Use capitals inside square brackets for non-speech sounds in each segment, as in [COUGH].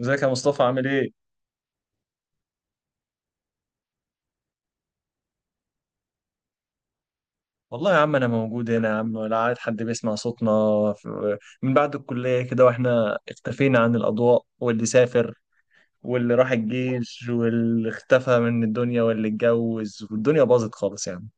ازيك يا مصطفى عامل ايه؟ والله يا عم انا موجود هنا يا عم، ولا عاد حد بيسمع صوتنا. من بعد الكلية كده واحنا اختفينا عن الاضواء، واللي سافر واللي راح الجيش واللي اختفى من الدنيا واللي اتجوز، والدنيا باظت خالص يعني.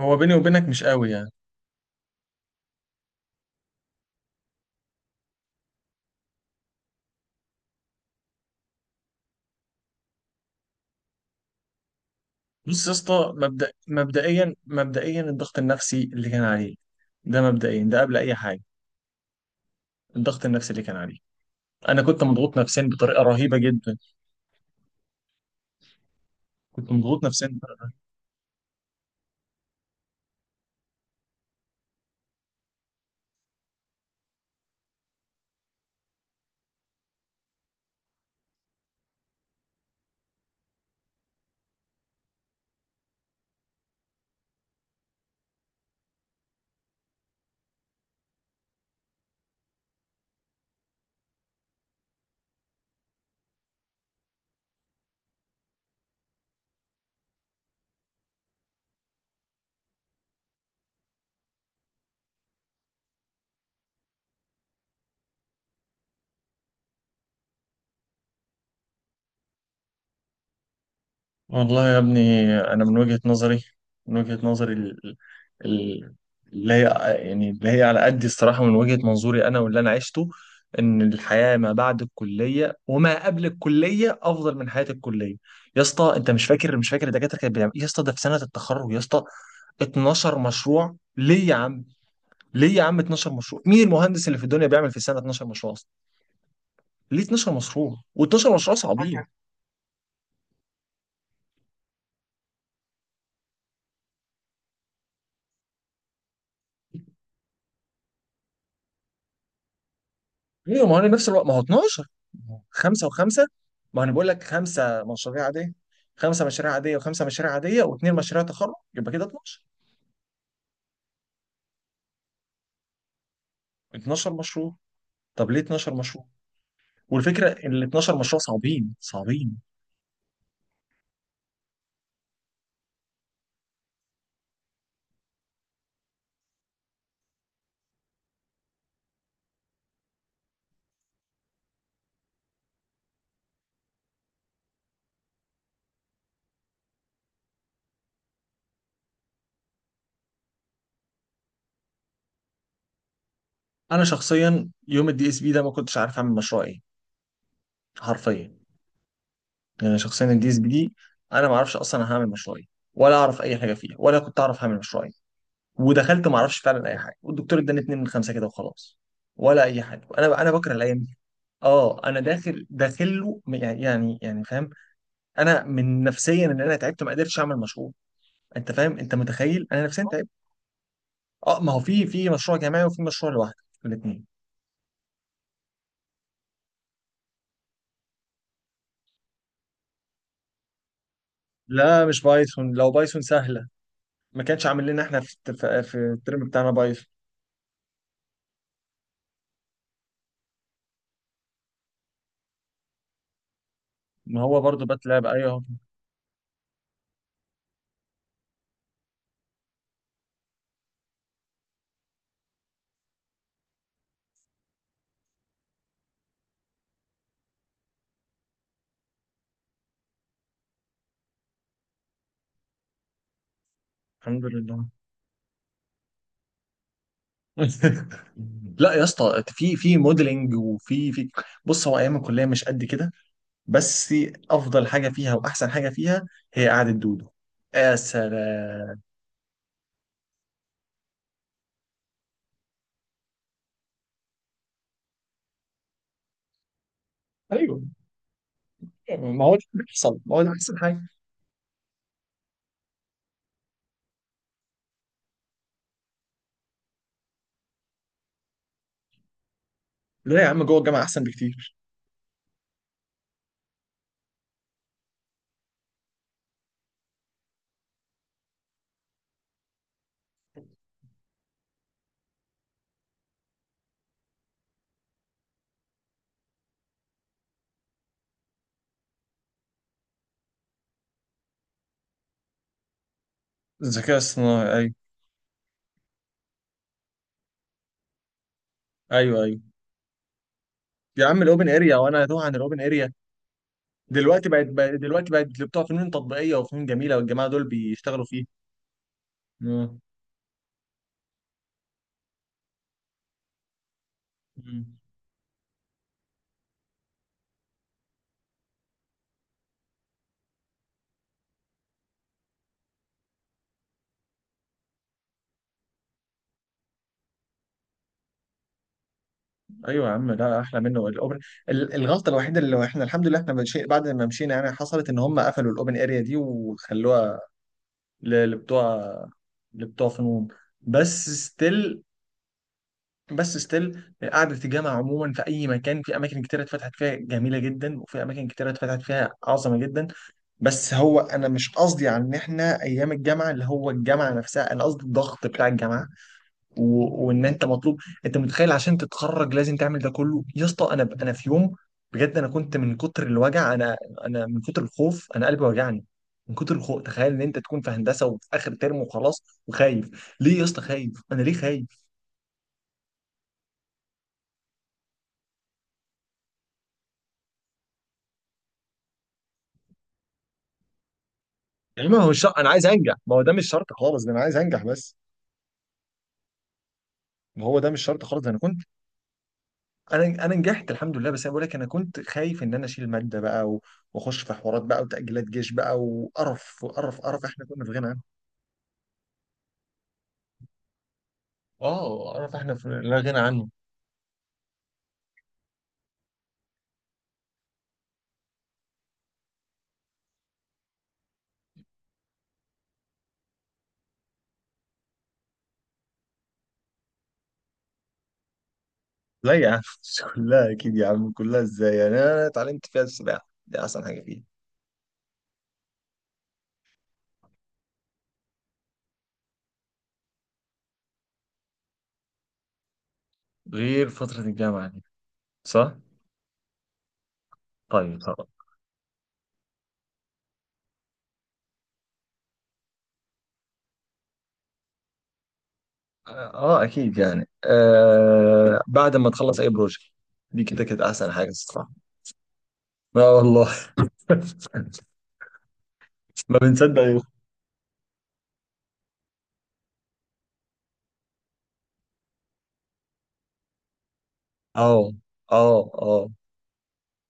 هو بيني وبينك مش قوي يعني. بص يا اسطى، مبدأ مبدئيا مبدئيا الضغط النفسي اللي كان عليه، ده مبدئيا ده قبل اي حاجه. الضغط النفسي اللي كان عليه، انا كنت مضغوط نفسيا بطريقه رهيبه جدا. كنت مضغوط نفسيا. والله يا ابني، انا من وجهة نظري، من وجهة نظري ال- اللي هي، يعني اللي هي على قد الصراحة، من وجهة منظوري انا واللي انا عشته، ان الحياة ما بعد الكلية وما قبل الكلية افضل من حياة الكلية. يا اسطى انت مش فاكر، مش فاكر الدكاترة كانت بتعمل إيه؟ يا اسطى ده في سنة التخرج يا اسطى. 12 مشروع ليه يا عم؟ ليه يا عم 12 مشروع؟ مين المهندس اللي في الدنيا بيعمل في السنة 12 مشروع اصلا؟ ليه 12 مشروع، و12 مشروع صعبين؟ ايوه، ما هو انا نفس الوقت ما هو 12، ما هو خمسه وخمسه. ما انا بقول لك خمسه مشاريع عاديه، خمسه مشاريع عاديه وخمسه مشاريع عاديه واثنين مشاريع تخرج، يبقى كده 12. 12 مشروع، طب ليه 12 مشروع؟ والفكره ان ال 12 مشروع صعبين صعبين. انا شخصيا يوم الدي اس بي ده ما كنتش عارف اعمل مشروع ايه، حرفيا. يعني شخصيا الدي اس بي دي، انا ما اعرفش اصلا أنا هعمل مشروع ايه، ولا اعرف اي حاجه فيها، ولا كنت اعرف هعمل مشروع ايه. ودخلت ما اعرفش فعلا اي حاجه، والدكتور اداني اتنين من خمسه كده وخلاص. ولا اي حاجه، انا بكره الايام. اه، انا داخل داخل له يعني يعني فاهم، انا من نفسيا ان انا تعبت ما قدرتش اعمل مشروع. انت فاهم، انت متخيل انا نفسيا تعبت. اه، ما هو في مشروع جماعي وفي مشروع لوحده، الاثنين. لا مش بايثون، لو بايثون سهله. ما كانش عامل لنا احنا في الترم بتاعنا بايثون. ما هو برضه باتلاب ايوه. الحمد لله. [LAUGHS] لا يا اسطى، في موديلنج وفي. بص هو ايام الكليه مش قد كده، بس افضل حاجه فيها واحسن حاجه فيها هي قعده دودو. يا سلام. ايوه، ما هو ده اللي بيحصل، ما هو ده احسن حاجه. لا يا عم جوه الجامعه احسن بكتير. الذكاء الصناعي، ايوه. ايوه ايوه يا عم، الاوبن اريا، وانا اتوه عن الاوبن اريا. دلوقتي بقت بتوع فنون تطبيقيه وفنون جميله، والجماعه دول بيشتغلوا فيه. مم. مم. ايوه يا عم، لا احلى منه الاوبن. الغلطه الوحيده اللي احنا الحمد لله احنا بعد ما مشينا يعني حصلت، ان هم قفلوا الاوبن اريا دي وخلوها لبتوع، لبتوع فنون. بس ستيل، بس ستيل، قعدة الجامعة عموما في أي مكان، في أماكن كتيرة اتفتحت فيها جميلة جدا، وفي أماكن كتيرة اتفتحت فيها عظمة جدا. بس هو أنا مش قصدي على إن إحنا أيام الجامعة اللي هو الجامعة نفسها، أنا قصدي الضغط بتاع الجامعة، وإن أنت مطلوب. أنت متخيل عشان تتخرج لازم تعمل ده كله يا اسطى؟ أنا أنا في يوم، بجد أنا كنت من كتر الوجع، أنا أنا من كتر الخوف أنا قلبي وجعني. من كتر الخوف، تخيل إن أنت تكون في هندسة وفي آخر ترم وخلاص وخايف، ليه يا اسطى خايف؟ أنا ليه خايف؟ يعني ما هو مش شرط انا عايز انجح، ما هو ده مش شرط خالص، ده انا عايز انجح بس. ما هو ده مش شرط خالص، انا كنت انا انا نجحت الحمد لله، بس انا بقول لك انا كنت خايف ان انا اشيل ماده بقى، واخش في حوارات بقى، وتاجيلات جيش بقى، وقرف وقرف قرف احنا كنا في غنى عنه. اه قرف احنا في لا غنى عنه. لا يا عم، [LAUGHS] كلها اكيد يا عم، كلها ازاي يعني؟ انا اتعلمت فيها السباحه، دي احسن حاجه فيها. غير فتره الجامعه دي، صح؟ طيب خلاص. اه اكيد، يعني آه، بعد ما تخلص اي بروجكت، دي كده كانت احسن حاجه الصراحه. اه والله. [LAUGHS] ما بنصدق يوم. اه اه اه،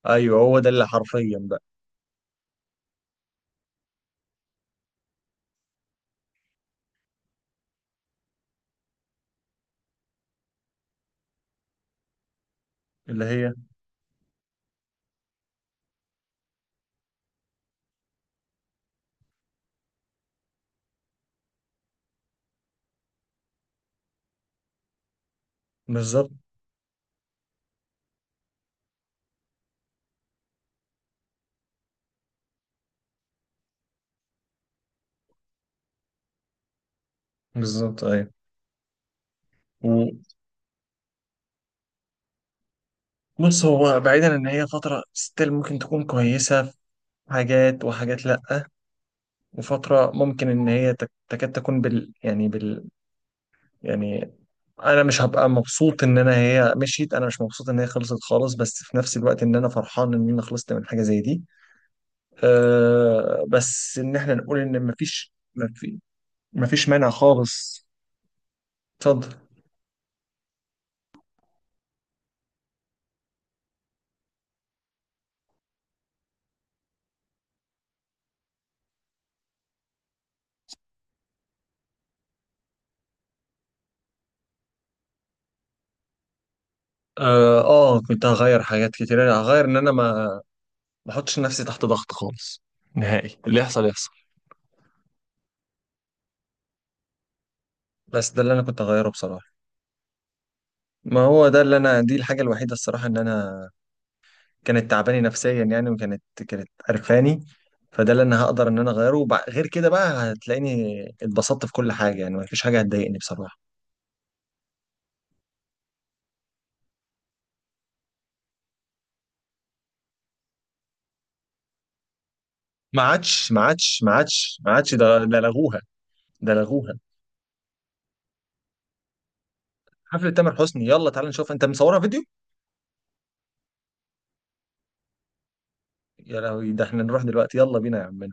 ايوه هو ده اللي حرفيا بقى. اللي هي، بالظبط. بالظبط ايوه. وبص هو بعيدا ان هي فتره ستيل ممكن تكون كويسه في حاجات، وحاجات لا. وفتره ممكن ان هي تكاد تكون بال يعني بال يعني انا مش هبقى مبسوط ان انا هي مشيت، انا مش مبسوط ان هي خلصت خالص، بس في نفس الوقت ان انا فرحان ان انا خلصت من حاجه زي دي. أه بس ان احنا نقول ان مفيش، مفيش مانع خالص، اتفضل. اه، كنت هغير حاجات كتير. انا هغير ان انا ما، ما احطش نفسي تحت ضغط خالص نهائي، اللي يحصل يحصل. بس ده اللي انا كنت هغيره بصراحة. ما هو ده اللي انا، دي الحاجة الوحيدة الصراحة ان انا كانت تعباني نفسيا يعني، وكانت كانت قرفاني. فده اللي انا هقدر ان انا اغيره، غير كده بقى هتلاقيني اتبسطت في كل حاجة، يعني مفيش حاجة هتضايقني بصراحة. ما عادش ما عادش ما عادش ما عادش، ده لغوها، ده لغوها. حفلة تامر حسني، يلا تعالى نشوف، انت مصورها فيديو؟ يا لهوي، ده احنا نروح دلوقتي، يلا بينا يا عم.